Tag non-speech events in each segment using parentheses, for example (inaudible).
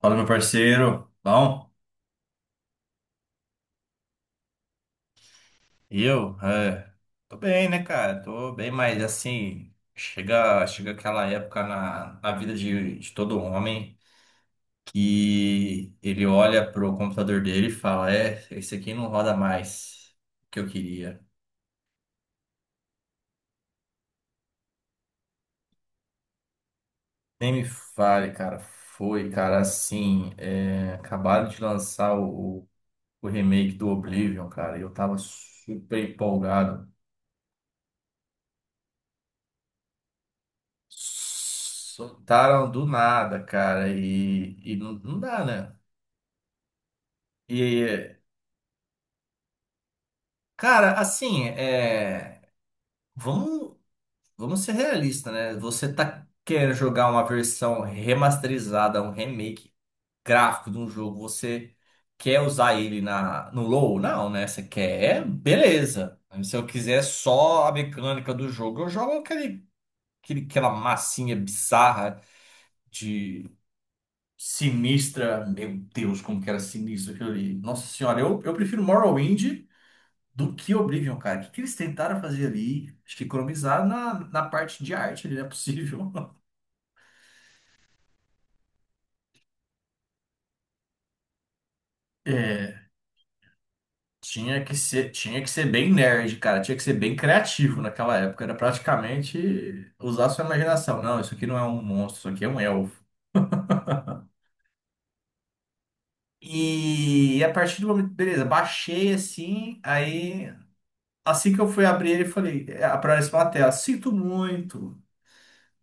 Fala, meu parceiro. Bom, e eu? Tô bem, né, cara? Tô bem, mas assim, chega aquela época na vida de todo homem que ele olha pro computador dele e fala: esse aqui não roda mais o que eu queria. Nem me fale, cara. Foi, cara, assim, acabaram de lançar o remake do Oblivion, cara, e eu tava super empolgado. Soltaram do nada, cara, e não dá, né? E, cara, assim, vamos, vamos ser realistas, né? Você tá querendo jogar uma versão remasterizada, um remake gráfico de um jogo, você quer usar ele no low. Não, né? Você quer, beleza. Se eu quiser só a mecânica do jogo, eu jogo aquela massinha bizarra, sinistra, meu Deus, como que era sinistro aquilo ali. Nossa senhora, eu prefiro Morrowind do que Oblivion, cara. O que, que eles tentaram fazer ali? Acho que economizar na parte de arte ali, não é possível. (laughs) É, tinha que ser bem nerd, cara. Tinha que ser bem criativo naquela época. Era praticamente usar a sua imaginação. Não, isso aqui não é um monstro, isso aqui é um elfo. E a partir do momento, beleza, baixei assim, aí assim que eu fui abrir ele, eu falei, aparece uma tela, sinto muito,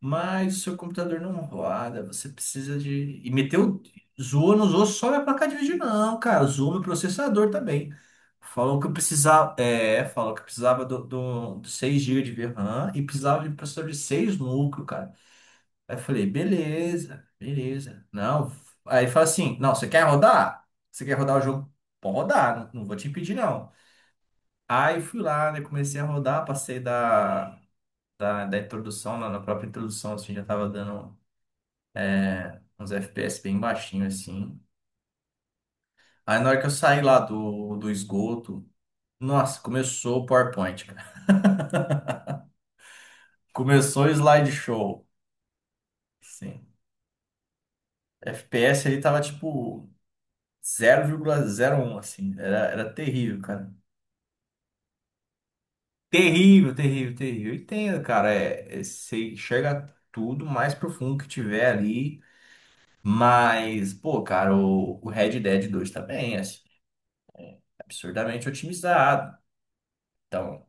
mas o seu computador não roda, você precisa de. E meteu. Zoou, não zoou só minha placa de vídeo, não, cara. Zoou meu processador também. Falou que eu precisava. Falou que eu precisava do 6 GB de RAM e precisava de um processador de 6 núcleos, cara. Aí eu falei, beleza. Não. Aí ele fala assim: não, você quer rodar? Você quer rodar o jogo? Pode rodar, não vou te impedir, não. Aí fui lá, né? Comecei a rodar, passei da introdução, na própria introdução, assim, já tava dando uns FPS bem baixinho assim. Aí na hora que eu saí lá do esgoto, nossa, começou o PowerPoint, cara. (laughs) Começou o slideshow. Sim. FPS ali tava tipo zero zero vírgula zero um, assim. Era terrível, cara. Terrível, terrível, terrível. Entendo, cara. Você enxerga tudo mais profundo que tiver ali. Mas, pô, cara, o Red Dead 2 tá bem, assim, absurdamente otimizado. Então.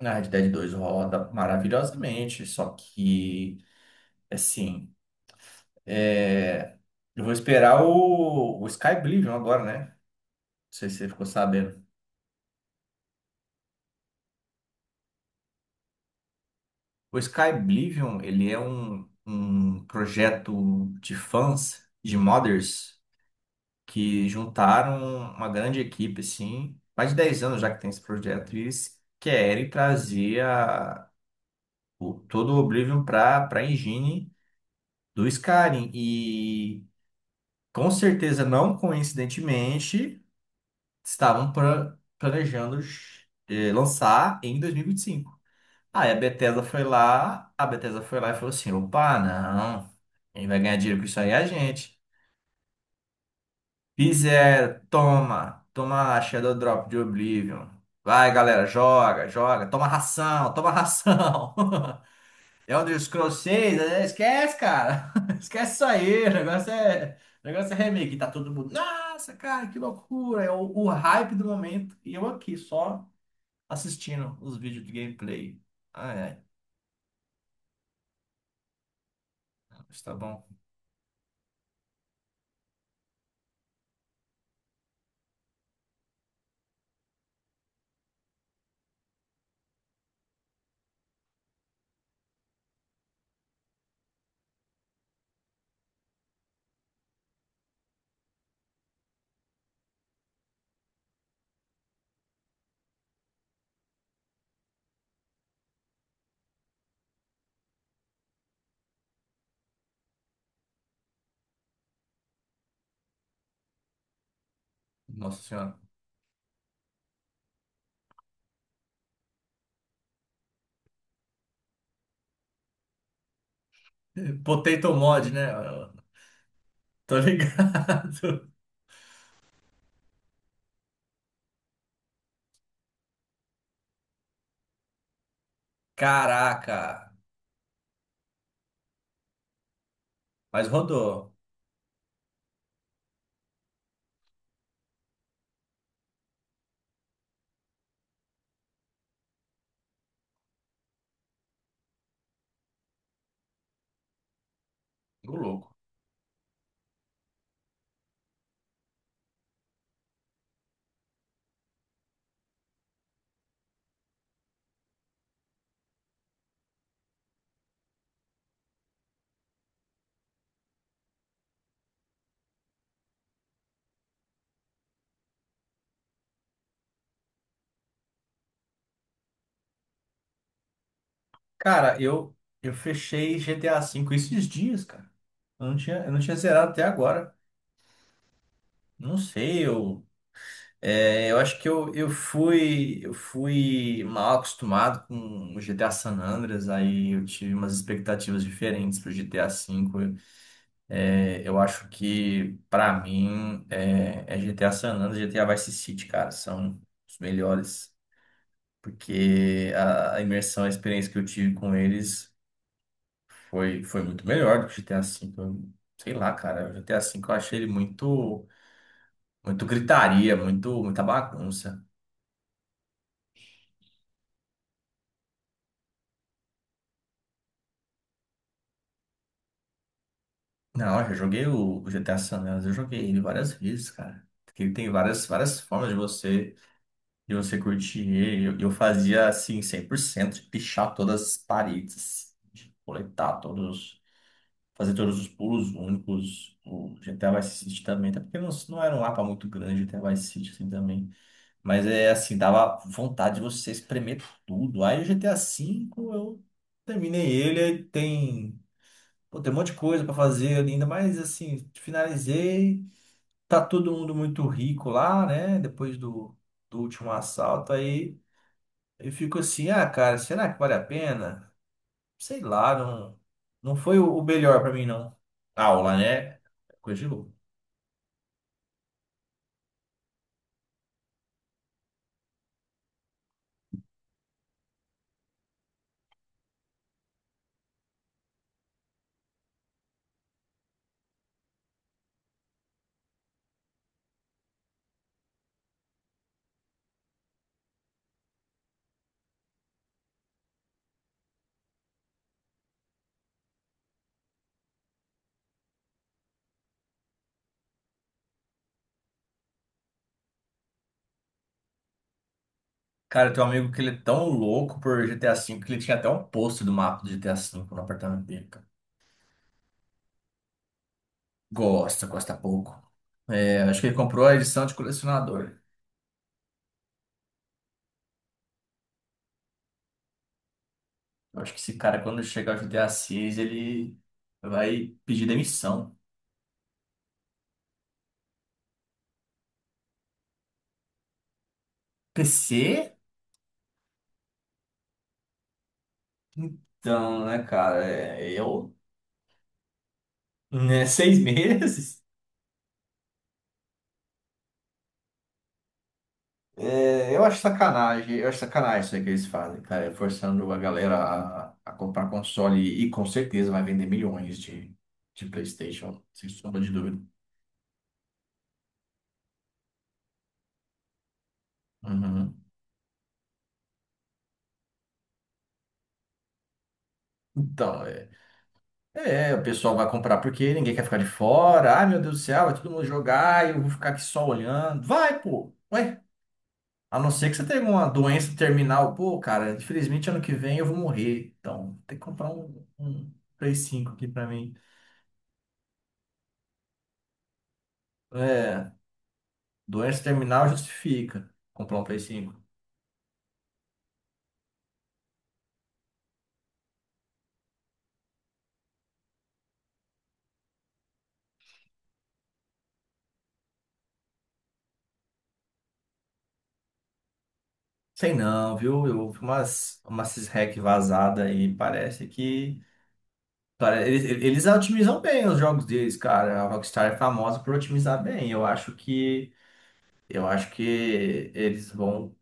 Na Red Dead 2 roda maravilhosamente, só que, assim, é, eu vou esperar o Sky Oblivion agora, né? Não sei se você ficou sabendo. O Sky Oblivion, ele é um projeto de fãs, de modders, que juntaram uma grande equipe, assim, mais de 10 anos já que tem esse projeto, e eles querem todo o Oblivion para a engine do Skyrim. E com certeza, não coincidentemente, estavam planejando lançar em 2025. Aí a Bethesda foi lá, a Bethesda foi lá e falou assim: opa, não, quem vai ganhar dinheiro com isso aí é a gente. Fizeram, toma, toma a Shadow Drop de Oblivion. Vai, galera, joga, joga, toma ração, toma ração. (laughs) É Elder Scrolls 6, né? Esquece, cara. (laughs) Esquece isso aí. O negócio é remake. Tá todo mundo. Nossa, cara, que loucura. É o hype do momento. E eu aqui, só assistindo os vídeos de gameplay. Ai, ai. Isso tá bom. Nossa Senhora. (laughs) Potato Mod, né? (laughs) Eu tô ligado. (laughs) Caraca. Mas rodou. Tô louco. Cara, eu fechei GTA V esses dias, cara. Eu não tinha zerado até agora. Não sei, eu. É, eu acho que eu fui mal acostumado com o GTA San Andreas, aí eu tive umas expectativas diferentes pro GTA V. É, eu acho que pra mim é GTA San Andreas, e GTA Vice City, cara, são os melhores, porque a imersão, a experiência que eu tive com eles foi muito melhor do que o GTA V. Eu- sei lá, cara, o GTA V eu achei ele muito muito muita bagunça. Não, eu já joguei o GTA San Andreas, eu joguei ele várias vezes, cara. Porque ele tem várias formas de você curtir ele. Eu fazia assim, 100% de pichar todas as paredes, de coletar todos, fazer todos os pulos únicos. O GTA Vice City também, até porque não era um mapa muito grande, o GTA Vice City assim também. Mas é assim, dava vontade de você espremer tudo. Aí o GTA V eu terminei ele, aí tem. Pô, tem um monte de coisa para fazer ainda, mas assim, finalizei. Tá todo mundo muito rico lá, né? Depois do último assalto, aí eu fico assim, ah, cara, será que vale a pena? Sei lá, não, não foi o melhor para mim, não. Aula, né? Coisa de louco. Cara, tem um amigo que ele é tão louco por GTA V que ele tinha até um pôster do mapa do GTA V no apartamento dele, cara. Gosta, gosta pouco. É, acho que ele comprou a edição de colecionador. Eu acho que esse cara, quando chegar ao José Assis, ele vai pedir demissão. PC? Então, né, cara? Eu, né, (laughs) 6 meses? É, eu acho sacanagem. Eu acho sacanagem isso aí que eles fazem, cara. Forçando a galera a comprar console e, com certeza vai vender milhões de PlayStation, sem sombra de dúvida. Uhum. Então, o pessoal vai comprar porque ninguém quer ficar de fora. Ai, meu Deus do céu, vai todo mundo jogar e eu vou ficar aqui só olhando. Vai, pô! Ué, a não ser que você tenha uma doença terminal, pô, cara, infelizmente ano que vem eu vou morrer. Então, tem que comprar um Play 5 aqui pra mim. É, doença terminal justifica comprar um Play 5. Sei não, viu? Eu ouvi umas hack vazada aí, parece que. Cara, eles otimizam bem os jogos deles, cara. A Rockstar é famosa por otimizar bem. Eu acho que. Eu acho que eles vão.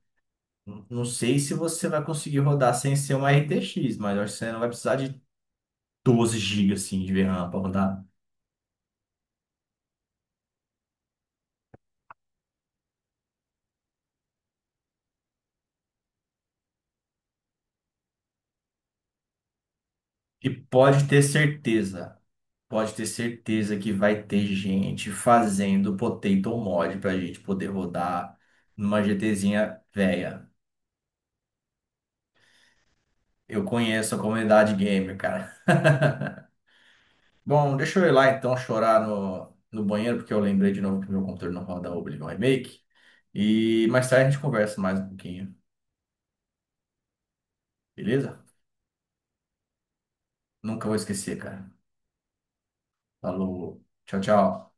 Não sei se você vai conseguir rodar sem ser uma RTX, mas eu acho que você não vai precisar de 12 GB assim, de RAM para rodar. E pode ter certeza que vai ter gente fazendo potato mod para a gente poder rodar numa GTzinha velha. Eu conheço a comunidade gamer, cara. (laughs) Bom, deixa eu ir lá então chorar no banheiro, porque eu lembrei de novo que meu computador não roda Oblivion Remake. E mais tarde a gente conversa mais um pouquinho, beleza? Nunca vou esquecer, cara. Falou, tchau, tchau.